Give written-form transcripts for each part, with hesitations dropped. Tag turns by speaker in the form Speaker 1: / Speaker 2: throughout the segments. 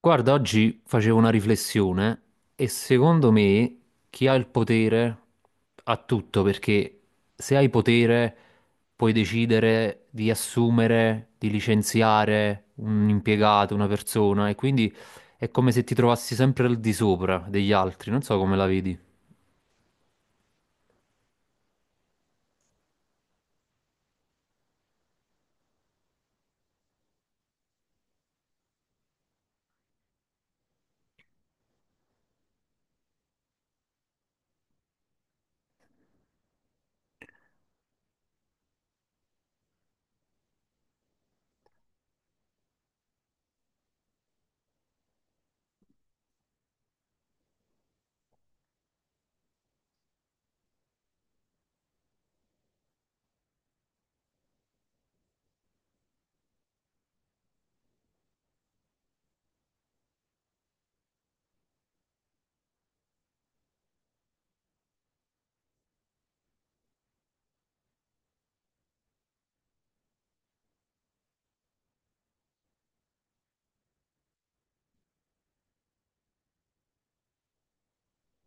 Speaker 1: Guarda, oggi facevo una riflessione e secondo me chi ha il potere ha tutto, perché se hai potere puoi decidere di assumere, di licenziare un impiegato, una persona, e quindi è come se ti trovassi sempre al di sopra degli altri, non so come la vedi.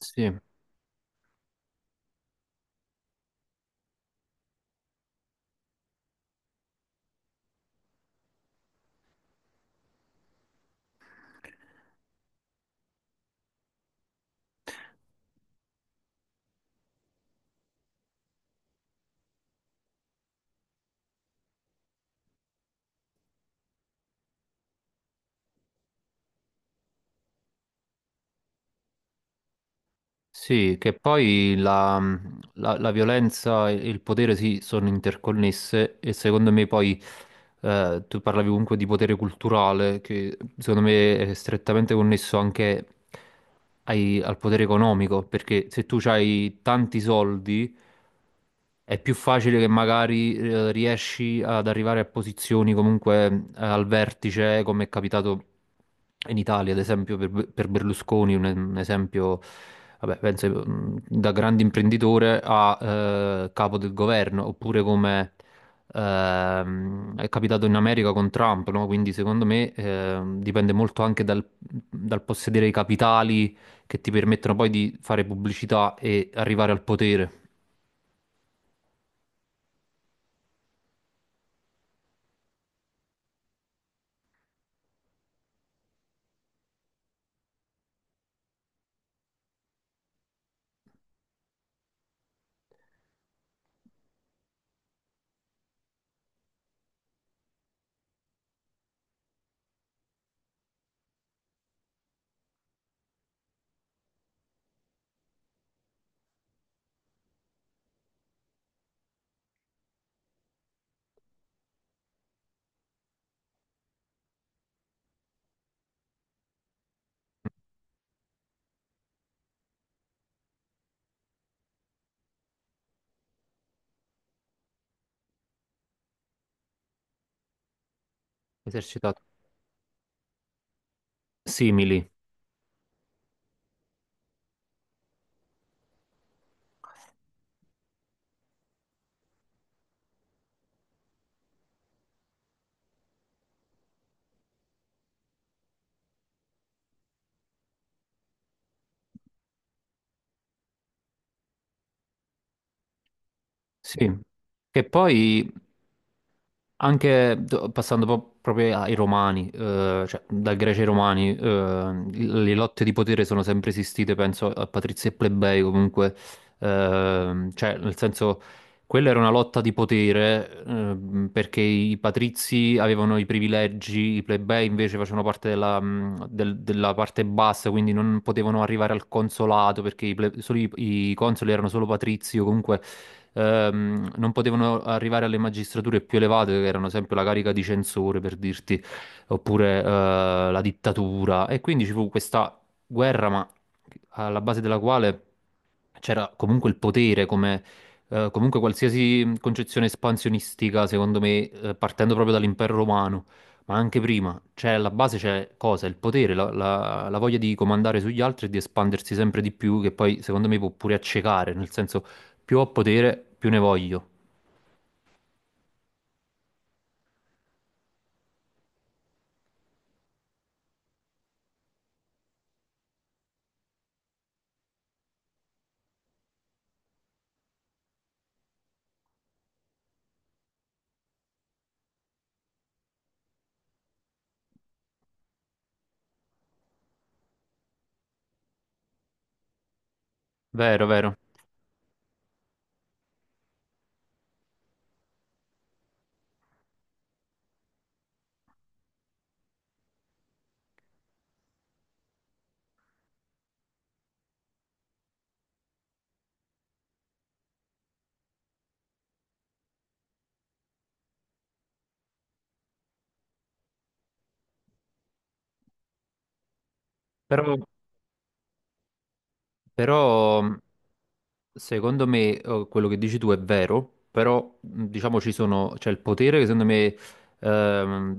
Speaker 1: Sì. Sì, che poi la violenza e il potere sì, sono interconnesse e secondo me poi tu parlavi comunque di potere culturale che secondo me è strettamente connesso anche al potere economico perché se tu hai tanti soldi è più facile che magari riesci ad arrivare a posizioni comunque al vertice, come è capitato in Italia, ad esempio per Berlusconi, un esempio, vabbè, penso da grande imprenditore a capo del governo, oppure come è capitato in America con Trump, no? Quindi secondo me dipende molto anche dal possedere i capitali che ti permettono poi di fare pubblicità e arrivare al potere. Esercitato. Simili, sì. Che poi anche proprio ai romani, cioè dal greci ai romani, le lotte di potere sono sempre esistite, penso a patrizi e plebei comunque, cioè nel senso quella era una lotta di potere, perché i patrizi avevano i privilegi, i plebei invece facevano parte della parte bassa, quindi non potevano arrivare al consolato perché solo i consoli erano solo patrizi o comunque non potevano arrivare alle magistrature più elevate, che erano sempre la carica di censore, per dirti, oppure la dittatura. E quindi ci fu questa guerra, ma alla base della quale c'era comunque il potere come... comunque qualsiasi concezione espansionistica, secondo me, partendo proprio dall'impero romano, ma anche prima, c'è alla base c'è cosa? Il potere, la voglia di comandare sugli altri e di espandersi sempre di più, che poi secondo me può pure accecare, nel senso più ho potere, più ne voglio. Vero, vero. Però, però mh, secondo me quello che dici tu è vero, però diciamo ci sono, c'è il potere che secondo me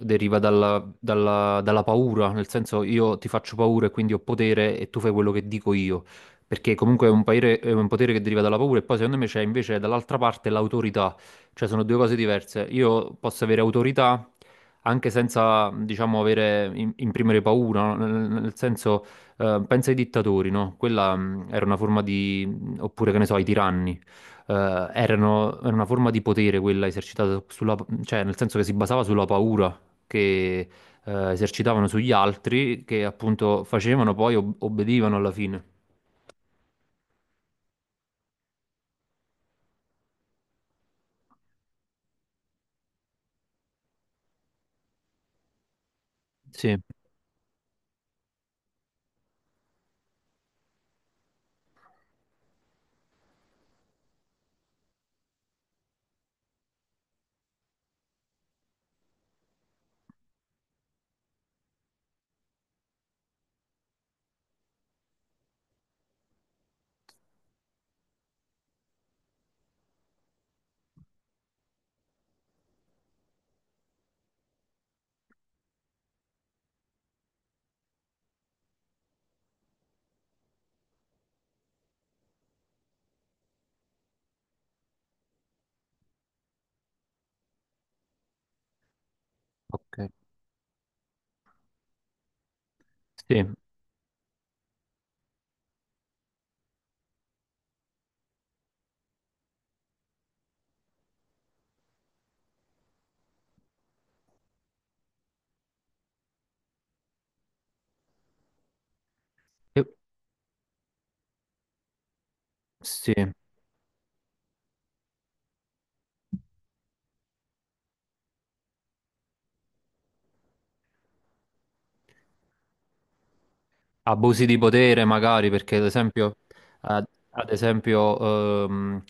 Speaker 1: deriva dalla paura, nel senso io ti faccio paura e quindi ho potere e tu fai quello che dico io, perché comunque è è un potere che deriva dalla paura e poi secondo me c'è invece dall'altra parte l'autorità, cioè sono due cose diverse. Io posso avere autorità anche senza, diciamo, avere, imprimere paura, no? Nel senso... pensa ai dittatori, no? Quella era una forma di... oppure che ne so, ai tiranni. Era una forma di potere quella esercitata sulla... cioè nel senso che si basava sulla paura che esercitavano sugli altri, che appunto facevano poi obbedivano alla fine. Sì, ok. Sì. E- sì. Abusi di potere magari perché ad esempio, ad, ad esempio ehm,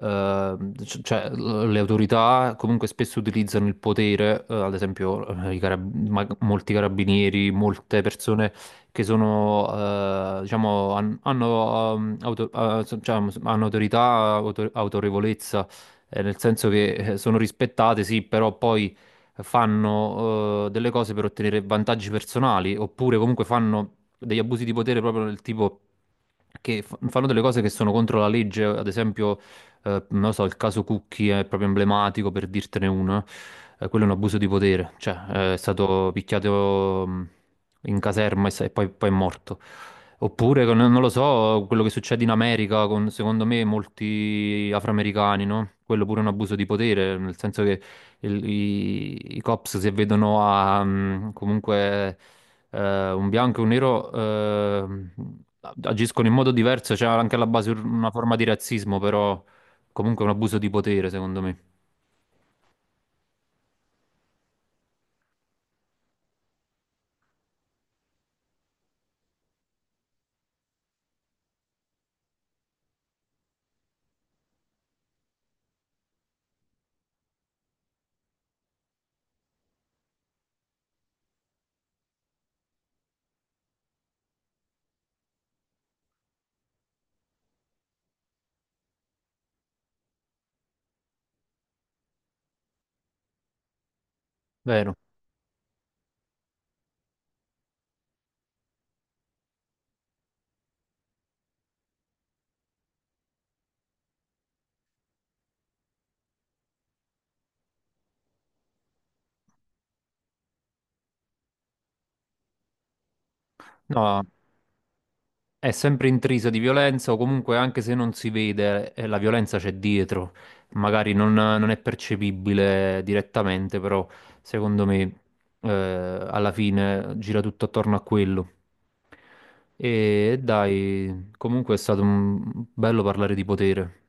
Speaker 1: ehm, c- cioè, le autorità comunque spesso utilizzano il potere, ad esempio molti carabinieri, molte persone che sono, diciamo, hanno, cioè, hanno autorità, autorevolezza, nel senso che sono rispettate, sì, però poi fanno delle cose per ottenere vantaggi personali, oppure comunque fanno degli abusi di potere proprio del tipo che fanno delle cose che sono contro la legge, ad esempio, non lo so, il caso Cucchi è proprio emblematico per dirtene uno, quello è un abuso di potere, cioè è stato picchiato in caserma e poi, poi è morto. Oppure, non lo so, quello che succede in America con, secondo me, molti afroamericani, no? Quello pure è un abuso di potere, nel senso che i cops si vedono a mm, comunque un bianco e un nero agiscono in modo diverso, c'è anche alla base una forma di razzismo, però comunque è un abuso di potere, secondo me. Vero? No. È sempre intrisa di violenza o comunque anche se non si vede, la violenza c'è dietro, magari non è percepibile direttamente, però secondo me alla fine gira tutto attorno a quello. E dai, comunque è stato bello parlare di potere.